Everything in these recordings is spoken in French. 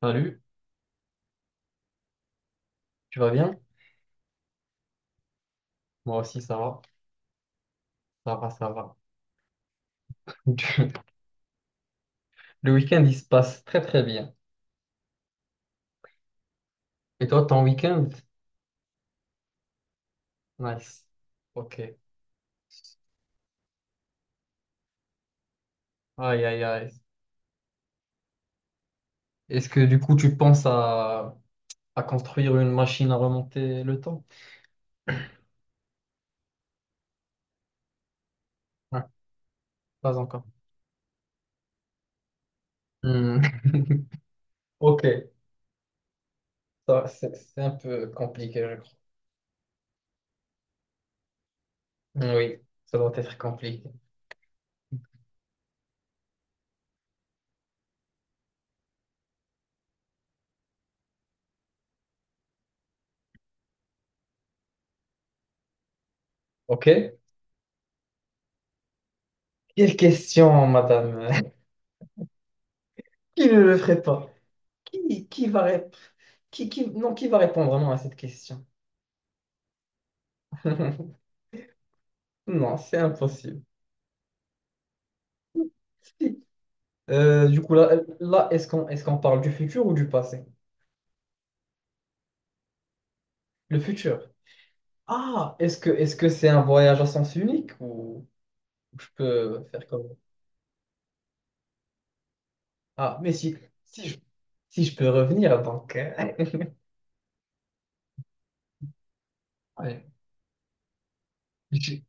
Salut, tu vas bien? Moi aussi, ça va. Ça va, ça va. Le week-end, il se passe très, très bien. Et toi, ton week-end? Nice. Ok. Aïe, aïe, aïe. Est-ce que du coup, tu penses à construire une machine à remonter le temps? Ouais, pas encore. Hmm. Ok. Ça, c'est un peu compliqué, je crois. Hmm, oui, ça doit être compliqué. Ok. Quelle question, madame? Qui ne le ferait pas? Qui va répondre? Non, qui va répondre vraiment à cette question? Non, c'est impossible. Si. Du coup, là est-ce qu'on parle du futur ou du passé? Le futur. Ah, est-ce que c'est un voyage à sens unique ou je peux faire comme... Ah, mais si je, si je peux revenir, donc... ouais. Je-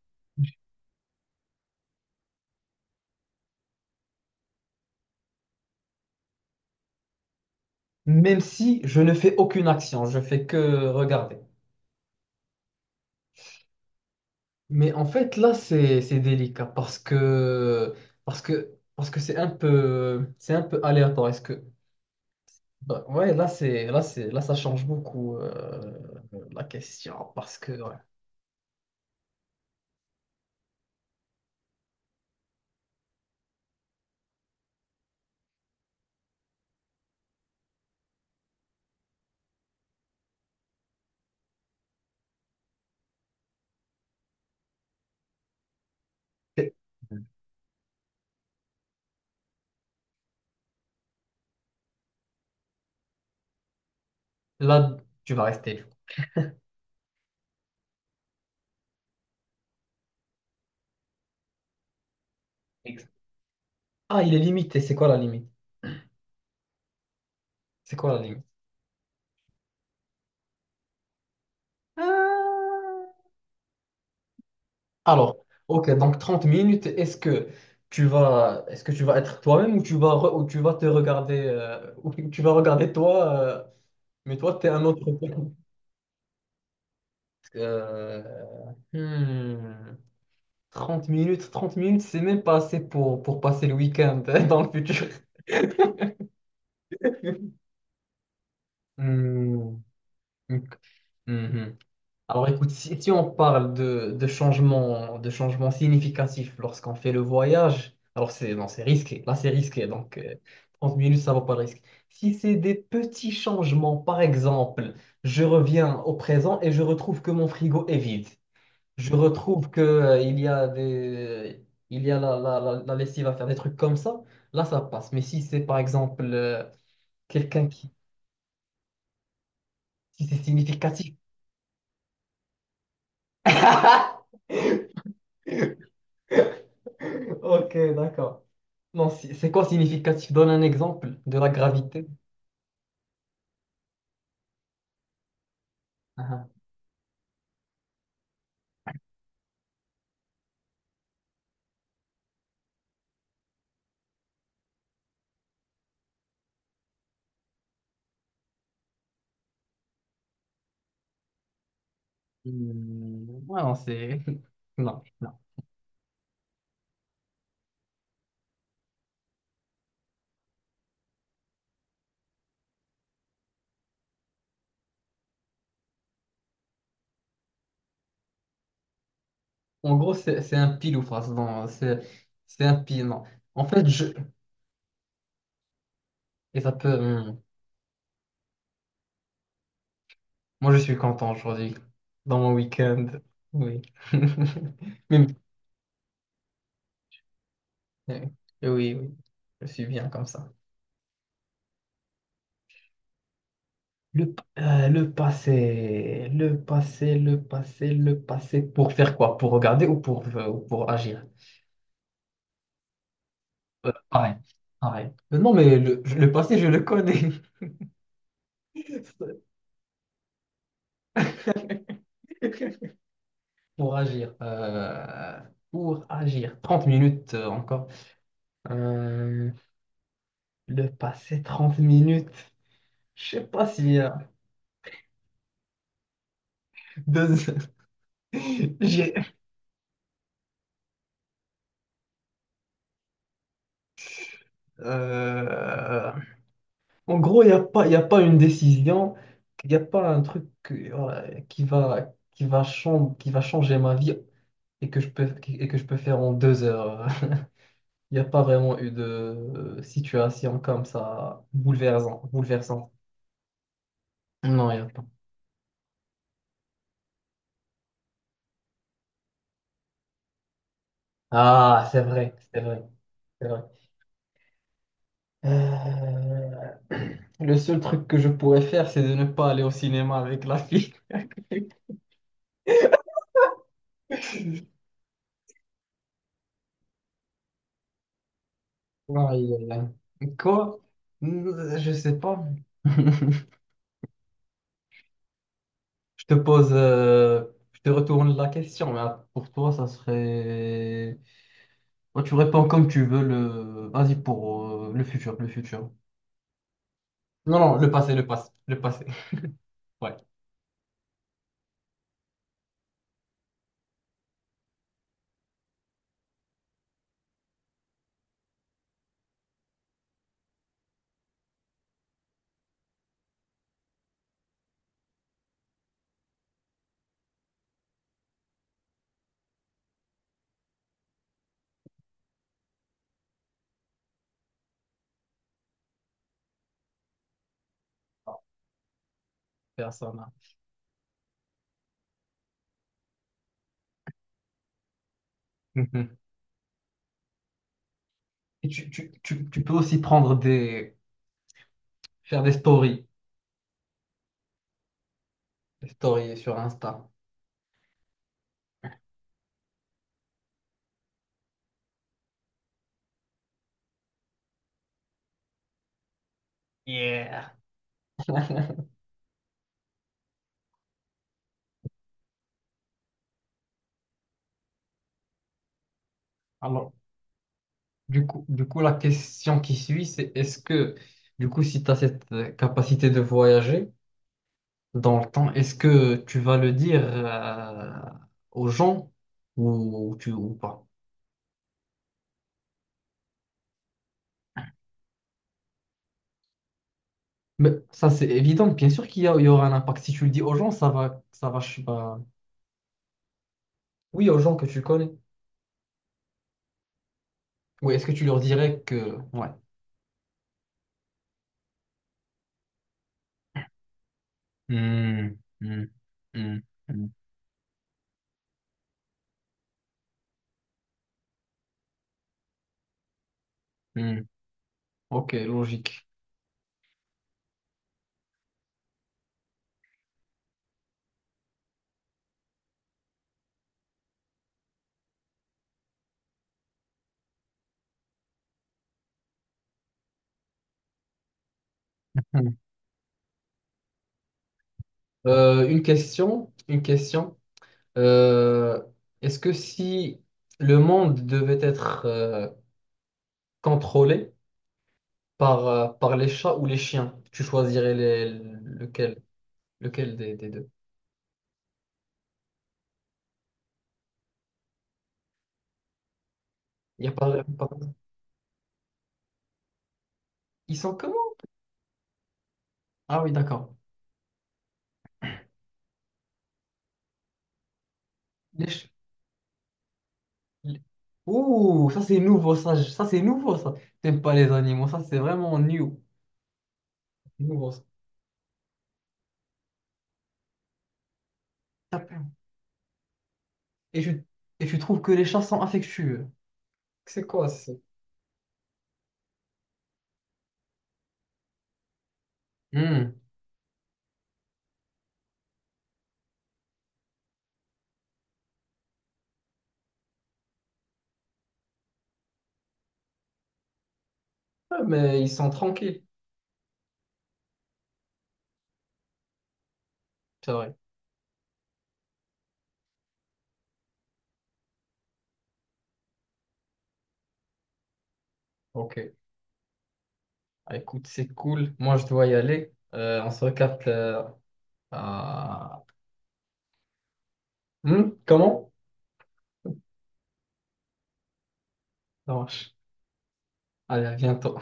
Même si je ne fais aucune action, je fais que regarder. Mais en fait, là, c'est délicat parce que c'est un peu aléatoire. Est-ce que bah, ouais, là, ça change beaucoup la question parce que ouais. C'est- Là, tu vas rester. Ex- Ah, il est limité. C'est quoi la limite? C'est quoi la limite? Alors, ok, donc 30 minutes, est-ce que tu vas être toi-même ou ou tu vas te regarder, ou tu vas regarder toi, mais toi, t'es un autre. Euh, hmm, 30 minutes, 30 minutes, c'est même pas assez pour passer le week-end dans le futur. Hmm, ok, mhm. Alors écoute, si on parle de changements significatifs lorsqu'on fait le voyage, alors c'est non, c'est risqué, là c'est risqué, donc 30 minutes, ça ne vaut pas le risque. Si c'est des petits changements, par exemple, je reviens au présent et je retrouve que mon frigo est vide. Je retrouve que il y a la lessive à faire, des trucs comme ça, là ça passe. Mais si c'est par exemple quelqu'un qui si c'est significatif. Ok, d'accord. Non, c'est quoi significatif? Donne un exemple de la gravité. Ah, ah. Hmm, ouais, non, c'est... Non, non. En gros, c'est un pile ou face. Non, c'est un pile, non. En fait, je... Et ça peut... hmm. Moi, je suis content aujourd'hui, dans mon week-end. Oui. Même- euh, Oui, oui. Je suis bien comme ça. Le, le passé, le passé, le passé, le passé. Pour faire quoi? Pour regarder ou pour agir? Pareil, pareil. Non, mais le passé, je le connais. Pour agir. euh, pour agir. 30 minutes encore. Euh, le passé, 30 minutes. Je sais pas si... deux- j'ai- euh, en gros, il n'y a pas, y a pas une décision. Il n'y a pas un truc voilà, qui va changer ma vie et et que je peux faire en 2 heures. Il n'y a pas vraiment eu de situation comme ça bouleversant, bouleversante. Non, il n'y a pas. Ah, c'est vrai, c'est vrai, c'est vrai. Euh, Le seul truc que je pourrais faire, c'est de ne pas aller au cinéma avec la fille. Aïe, aïe, aïe. Quoi? Je sais pas. Je te pose, euh, je te retourne la question, mais pour toi, ça serait. Toi, tu réponds comme tu veux le. Vas-y pour le futur. Non, non, le passé. Ouais, personne mhm. Et tu peux aussi prendre des... faire des stories. Des stories sur Insta. Yeah. Alors, du coup, la question qui suit, c'est est-ce que, du coup, si tu as cette capacité de voyager dans le temps, est-ce que tu vas le dire aux gens ou pas? Mais ça, c'est évident. Bien sûr il y aura un impact. Si tu le dis aux gens, ça va, je sais pas. Oui, aux gens que tu connais. Oui, est-ce que tu leur dirais que... ouais. Hmm, hmm, hmm, hmm, hmm. Ok, logique. Hmm. Une question, une question. Euh, Est-ce que si le monde devait être contrôlé par les chats ou les chiens, tu choisirais lequel des deux? Il y a pas, pas- Ils sont comment? Ah oui, d'accord. Les ch- les- Ouh, ça c'est nouveau, ça c'est nouveau, ça. T'aimes pas les animaux, ça c'est vraiment new. C'est nouveau, ça. Et tu, et tu trouves que les chats sont affectueux. C'est quoi ça? Hmm. Ah, mais ils sont tranquilles, c'est vrai. Ok. Ah, écoute, c'est cool. Moi, je dois y aller. On se recapte à... Hmm, comment? Ça marche. Allez, à bientôt.